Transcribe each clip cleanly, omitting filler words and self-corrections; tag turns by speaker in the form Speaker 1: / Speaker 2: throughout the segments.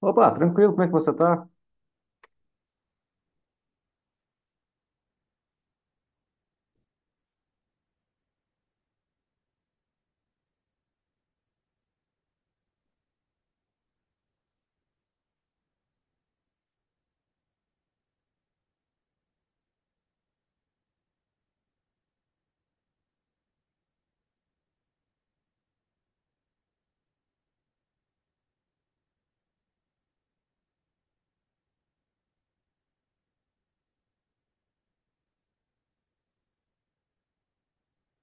Speaker 1: Opa, tranquilo, como é que você tá?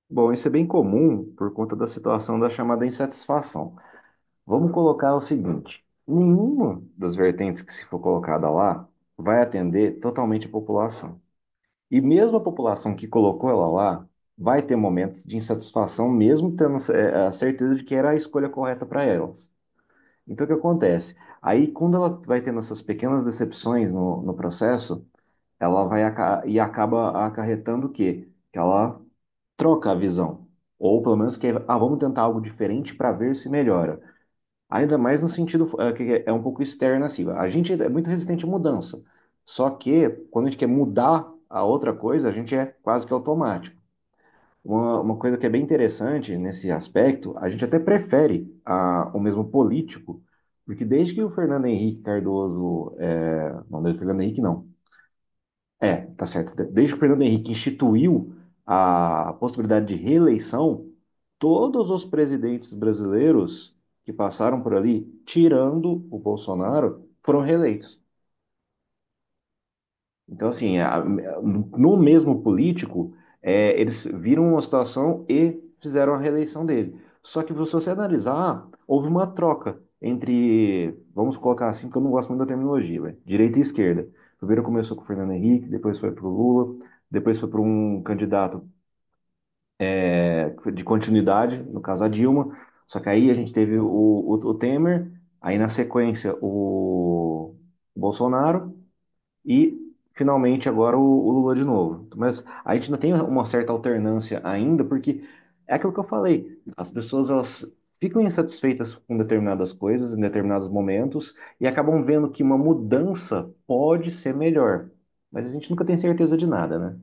Speaker 1: Bom, isso é bem comum por conta da situação da chamada insatisfação. Vamos colocar o seguinte: nenhuma das vertentes que se for colocada lá vai atender totalmente a população. E mesmo a população que colocou ela lá vai ter momentos de insatisfação, mesmo tendo a certeza de que era a escolha correta para elas. Então, o que acontece? Aí, quando ela vai tendo essas pequenas decepções no processo, ela vai acaba acarretando o quê? Que ela troca a visão. Ou pelo menos que, vamos tentar algo diferente para ver se melhora. Ainda mais no sentido que é um pouco externo, assim. A gente é muito resistente à mudança. Só que quando a gente quer mudar a outra coisa, a gente é quase que automático. Uma coisa que é bem interessante nesse aspecto, a gente até prefere o mesmo político, porque desde que o Fernando Henrique Cardoso, eh, não, desde o Fernando Henrique não, tá certo. Desde que o Fernando Henrique instituiu a possibilidade de reeleição, todos os presidentes brasileiros que passaram por ali, tirando o Bolsonaro, foram reeleitos. Então, assim, no mesmo político, eles viram uma situação e fizeram a reeleição dele. Só que, se você analisar, houve uma troca entre, vamos colocar assim, porque eu não gosto muito da terminologia, né? Direita e esquerda. Primeiro começou com o Fernando Henrique, depois foi para o Lula, depois foi para um candidato de continuidade, no caso a Dilma. Só que aí a gente teve o Temer, aí na sequência o Bolsonaro. E finalmente agora o Lula de novo. Mas a gente ainda tem uma certa alternância ainda, porque é aquilo que eu falei, as pessoas elas ficam insatisfeitas com determinadas coisas em determinados momentos e acabam vendo que uma mudança pode ser melhor. Mas a gente nunca tem certeza de nada, né?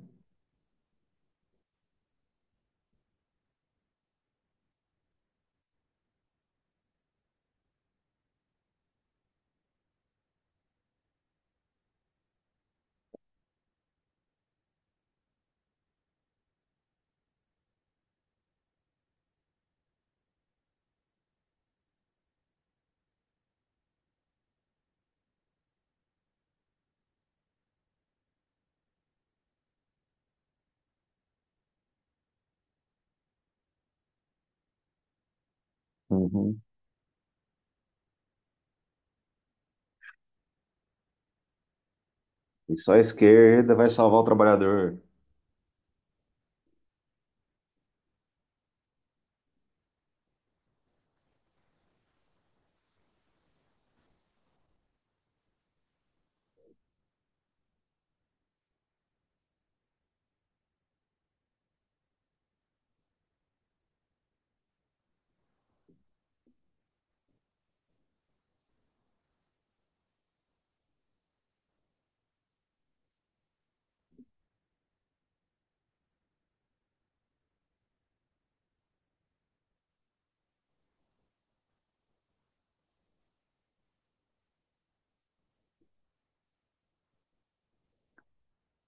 Speaker 1: Uhum. E só a esquerda vai salvar o trabalhador.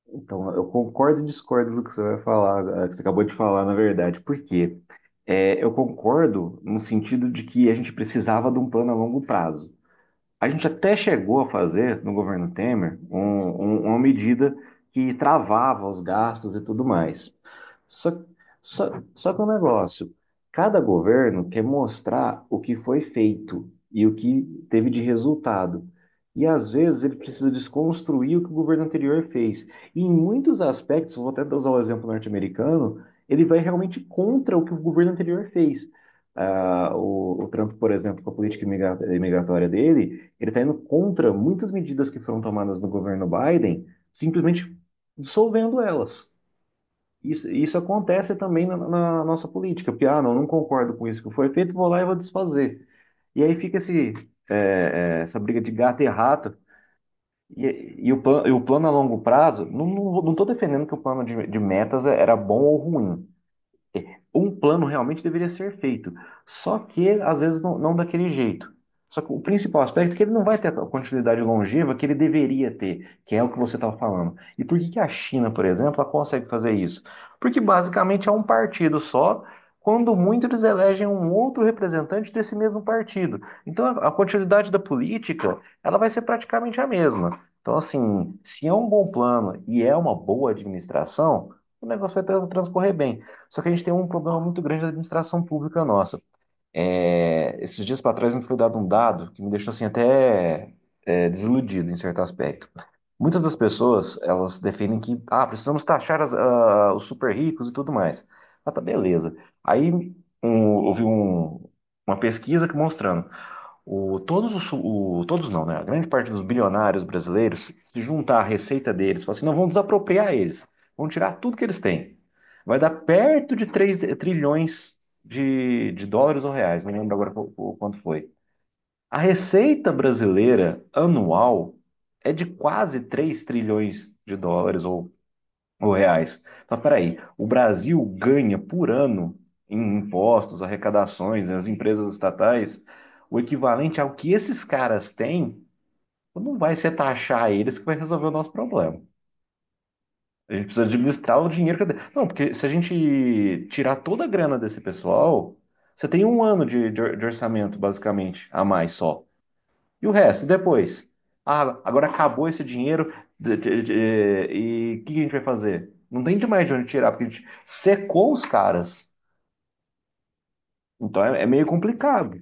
Speaker 1: Então, eu concordo e discordo do que você vai falar, que você acabou de falar, na verdade, porque eu concordo no sentido de que a gente precisava de um plano a longo prazo. A gente até chegou a fazer, no governo Temer, uma medida que travava os gastos e tudo mais. Só, só que o negócio, cada governo quer mostrar o que foi feito e o que teve de resultado. E às vezes ele precisa desconstruir o que o governo anterior fez. E em muitos aspectos, vou até usar o exemplo norte-americano, ele vai realmente contra o que o governo anterior fez. Ah, o Trump, por exemplo, com a política imigratória dele, ele está indo contra muitas medidas que foram tomadas no governo Biden, simplesmente dissolvendo elas. Isso acontece também na nossa política, porque, ah, não concordo com isso que foi feito, vou lá e vou desfazer. E aí fica esse, essa briga de gato e rato, e, e e o plano a longo prazo, não estou defendendo que o plano de metas era bom ou ruim, um plano realmente deveria ser feito. Só que, às vezes, não, não daquele jeito. Só que o principal aspecto é que ele não vai ter a continuidade longeva que ele deveria ter, que é o que você estava falando. E por que que a China, por exemplo, ela consegue fazer isso? Porque basicamente é um partido só, quando muito eles elegem um outro representante desse mesmo partido. Então a continuidade da política, ela vai ser praticamente a mesma. Então, assim, se é um bom plano e é uma boa administração, o negócio vai transcorrer bem. Só que a gente tem um problema muito grande da administração pública nossa. É, esses dias para trás me foi dado um dado que me deixou assim até desiludido em certo aspecto. Muitas das pessoas, elas defendem que, ah, precisamos taxar os super ricos e tudo mais. Ah, tá, beleza. Aí houve uma pesquisa que mostrando o, todos os, o- todos não, né? A grande parte dos bilionários brasileiros, se juntar a receita deles, falar assim, não, vão desapropriar eles, vão tirar tudo que eles têm. Vai dar perto de 3 trilhões de dólares ou reais, não lembro agora o quanto foi. A receita brasileira anual é de quase 3 trilhões de dólares ou reais. Mas peraí, o Brasil ganha por ano em impostos, arrecadações, né, as empresas estatais, o equivalente ao que esses caras têm, não vai ser taxar eles que vai resolver o nosso problema. A gente precisa administrar o dinheiro. Não, porque se a gente tirar toda a grana desse pessoal, você tem um ano de orçamento, basicamente, a mais só. E o resto, depois? Ah, agora acabou esse dinheiro de- de- de- e o que a gente vai fazer? Não tem demais de onde tirar, porque a gente secou os caras. Então é, é meio complicado.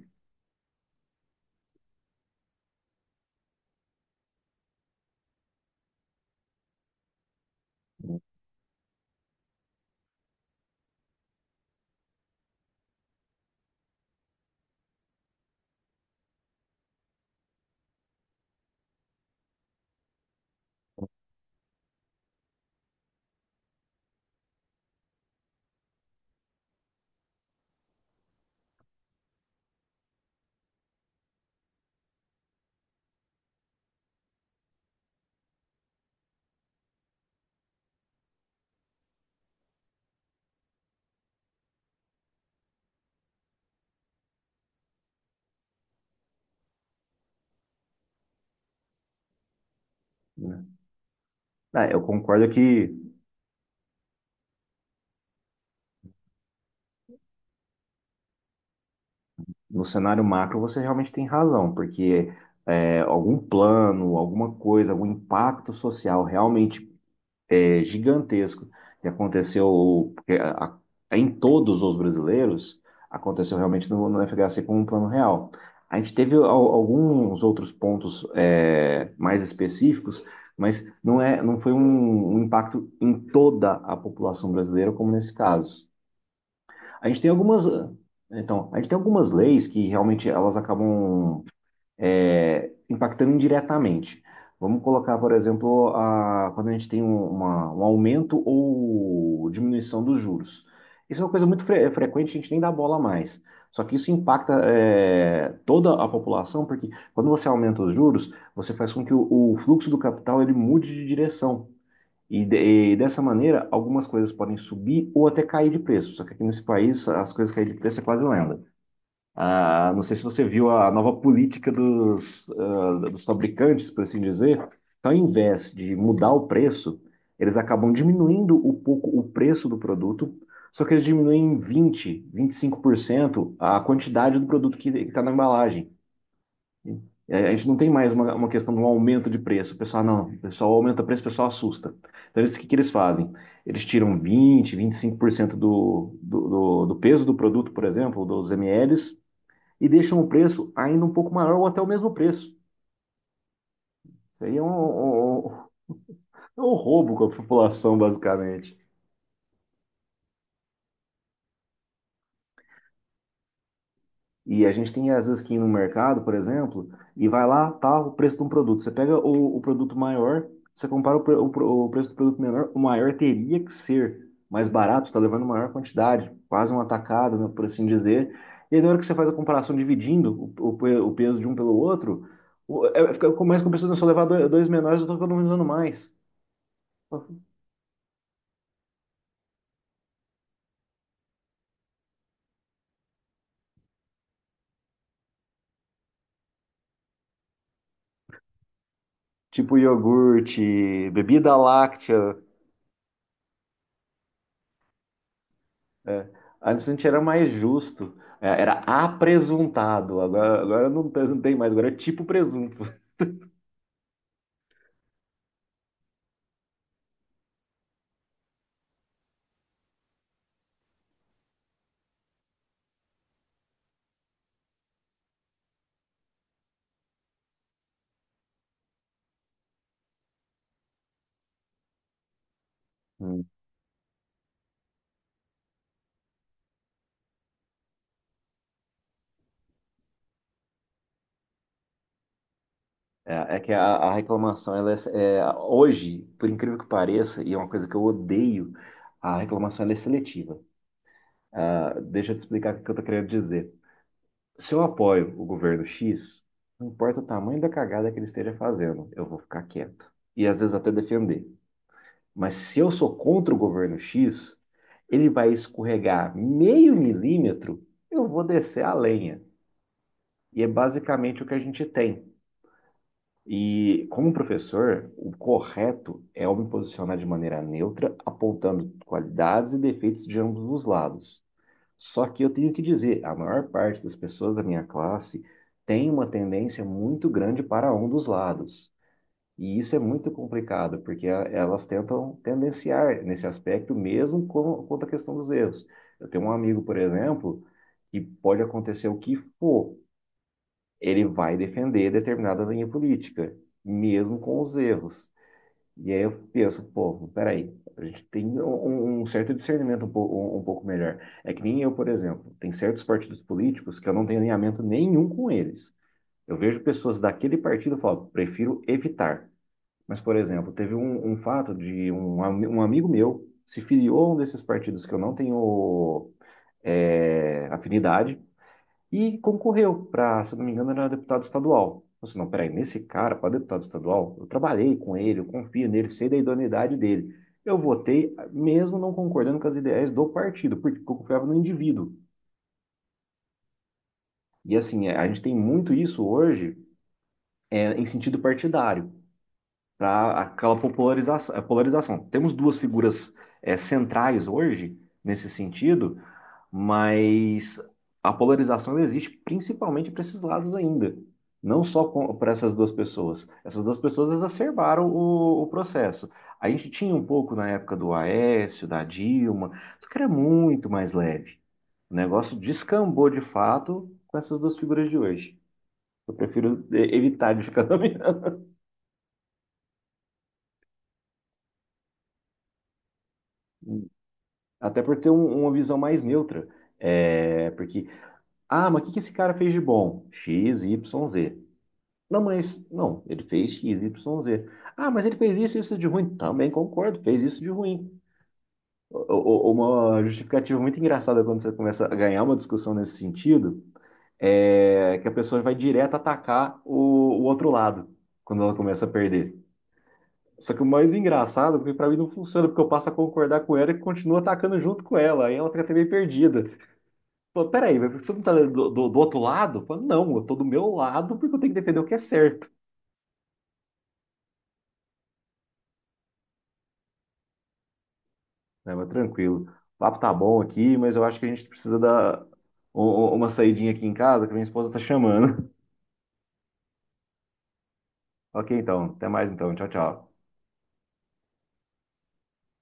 Speaker 1: Né? Ah, eu concordo que no cenário macro você realmente tem razão, porque algum plano, alguma coisa, algum impacto social realmente é gigantesco que aconteceu porque em todos os brasileiros, aconteceu realmente no FHC com um plano real. A gente teve alguns outros pontos mais específicos, mas não foi um impacto em toda a população brasileira, como nesse caso. A gente tem algumas, então, a gente tem algumas leis que realmente elas acabam impactando indiretamente. Vamos colocar, por exemplo, quando a gente tem um aumento ou diminuição dos juros. Isso é uma coisa muito é frequente, a gente nem dá bola mais. Só que isso impacta, é, toda a população, porque quando você aumenta os juros, você faz com que o fluxo do capital ele mude de direção. E, e dessa maneira, algumas coisas podem subir ou até cair de preço. Só que aqui nesse país, as coisas caírem de preço é quase lenda. Ah, não sei se você viu a nova política dos, ah, dos fabricantes, por assim dizer. Então, ao invés de mudar o preço, eles acabam diminuindo um pouco o preço do produto, só que eles diminuem em vinte, vinte e cinco por cento a quantidade do produto que está na embalagem. E a gente não tem mais uma questão de um aumento de preço. O pessoal, não, o pessoal aumenta o preço, o pessoal assusta. Então, eles, o que, que eles fazem? Eles tiram 20, 25% do peso do produto, por exemplo, dos mls, e deixam o preço ainda um pouco maior ou até o mesmo preço. Isso aí é um roubo com a população, basicamente. E a gente tem, às vezes, que ir no mercado, por exemplo, e vai lá, tá o preço de um produto. Você pega o produto maior, você compara preço do produto menor, o maior teria que ser mais barato, está levando maior quantidade, quase um atacado, né, por assim dizer. E aí, na hora que você faz a comparação dividindo o peso de um pelo outro, começa com a pessoa, se eu levar dois menores, eu estou economizando mais. Tipo iogurte, bebida láctea. É. Antes a gente era mais justo. É, era apresuntado. Agora, não tem mais, agora é tipo presunto. Hum. É, é que a reclamação, ela é, é, hoje, por incrível que pareça, e é uma coisa que eu odeio, a reclamação ela é seletiva. Ah, deixa eu te explicar o que eu tô querendo dizer. Se eu apoio o governo X, não importa o tamanho da cagada que ele esteja fazendo, eu vou ficar quieto. E às vezes até defender. Mas se eu sou contra o governo X, ele vai escorregar meio milímetro, eu vou descer a lenha. E é basicamente o que a gente tem. E como professor, o correto é eu me posicionar de maneira neutra, apontando qualidades e defeitos de ambos os lados. Só que eu tenho que dizer, a maior parte das pessoas da minha classe tem uma tendência muito grande para um dos lados. E isso é muito complicado, porque elas tentam tendenciar nesse aspecto, mesmo com, quanto à questão dos erros. Eu tenho um amigo, por exemplo, que pode acontecer o que for, ele vai defender determinada linha política, mesmo com os erros. E aí eu penso, pô, peraí, a gente tem um certo discernimento um pouco melhor. É que nem eu, por exemplo, tem certos partidos políticos que eu não tenho alinhamento nenhum com eles. Eu vejo pessoas daquele partido e falo, prefiro evitar. Mas, por exemplo, teve um fato de um amigo meu se filiou a um desses partidos que eu não tenho afinidade e concorreu para, se eu não me engano, era deputado estadual. Eu disse, não, peraí, nesse cara, para deputado estadual, eu trabalhei com ele, eu confio nele, sei da idoneidade dele. Eu votei, mesmo não concordando com as ideias do partido, porque eu confiava no indivíduo. E assim, é, a gente tem muito isso hoje em sentido partidário. Para aquela polarização. Temos duas figuras centrais hoje nesse sentido, mas a polarização existe principalmente para esses lados ainda, não só para essas duas pessoas. Essas duas pessoas exacerbaram o processo. A gente tinha um pouco na época do Aécio, da Dilma, só que era muito mais leve. O negócio descambou de fato com essas duas figuras de hoje. Eu prefiro evitar de ficar nomeando. Até por ter uma visão mais neutra. É, porque, ah, mas o que que esse cara fez de bom? X, Y, Z. Não, mas, não, ele fez X, Y, Z. Ah, mas ele fez isso, isso de ruim. Também concordo, fez isso de ruim. Uma justificativa muito engraçada quando você começa a ganhar uma discussão nesse sentido é que a pessoa vai direto atacar o outro lado quando ela começa a perder. Só que o mais engraçado, porque pra mim não funciona, porque eu passo a concordar com ela e continuo atacando junto com ela. Aí ela fica até meio perdida. Pô, peraí, mas você não tá do outro lado? Pô, não, eu tô do meu lado porque eu tenho que defender o que é certo. Né, mas tranquilo. O papo tá bom aqui, mas eu acho que a gente precisa dar uma saidinha aqui em casa, que minha esposa tá chamando. Ok, então. Até mais então. Tchau, tchau.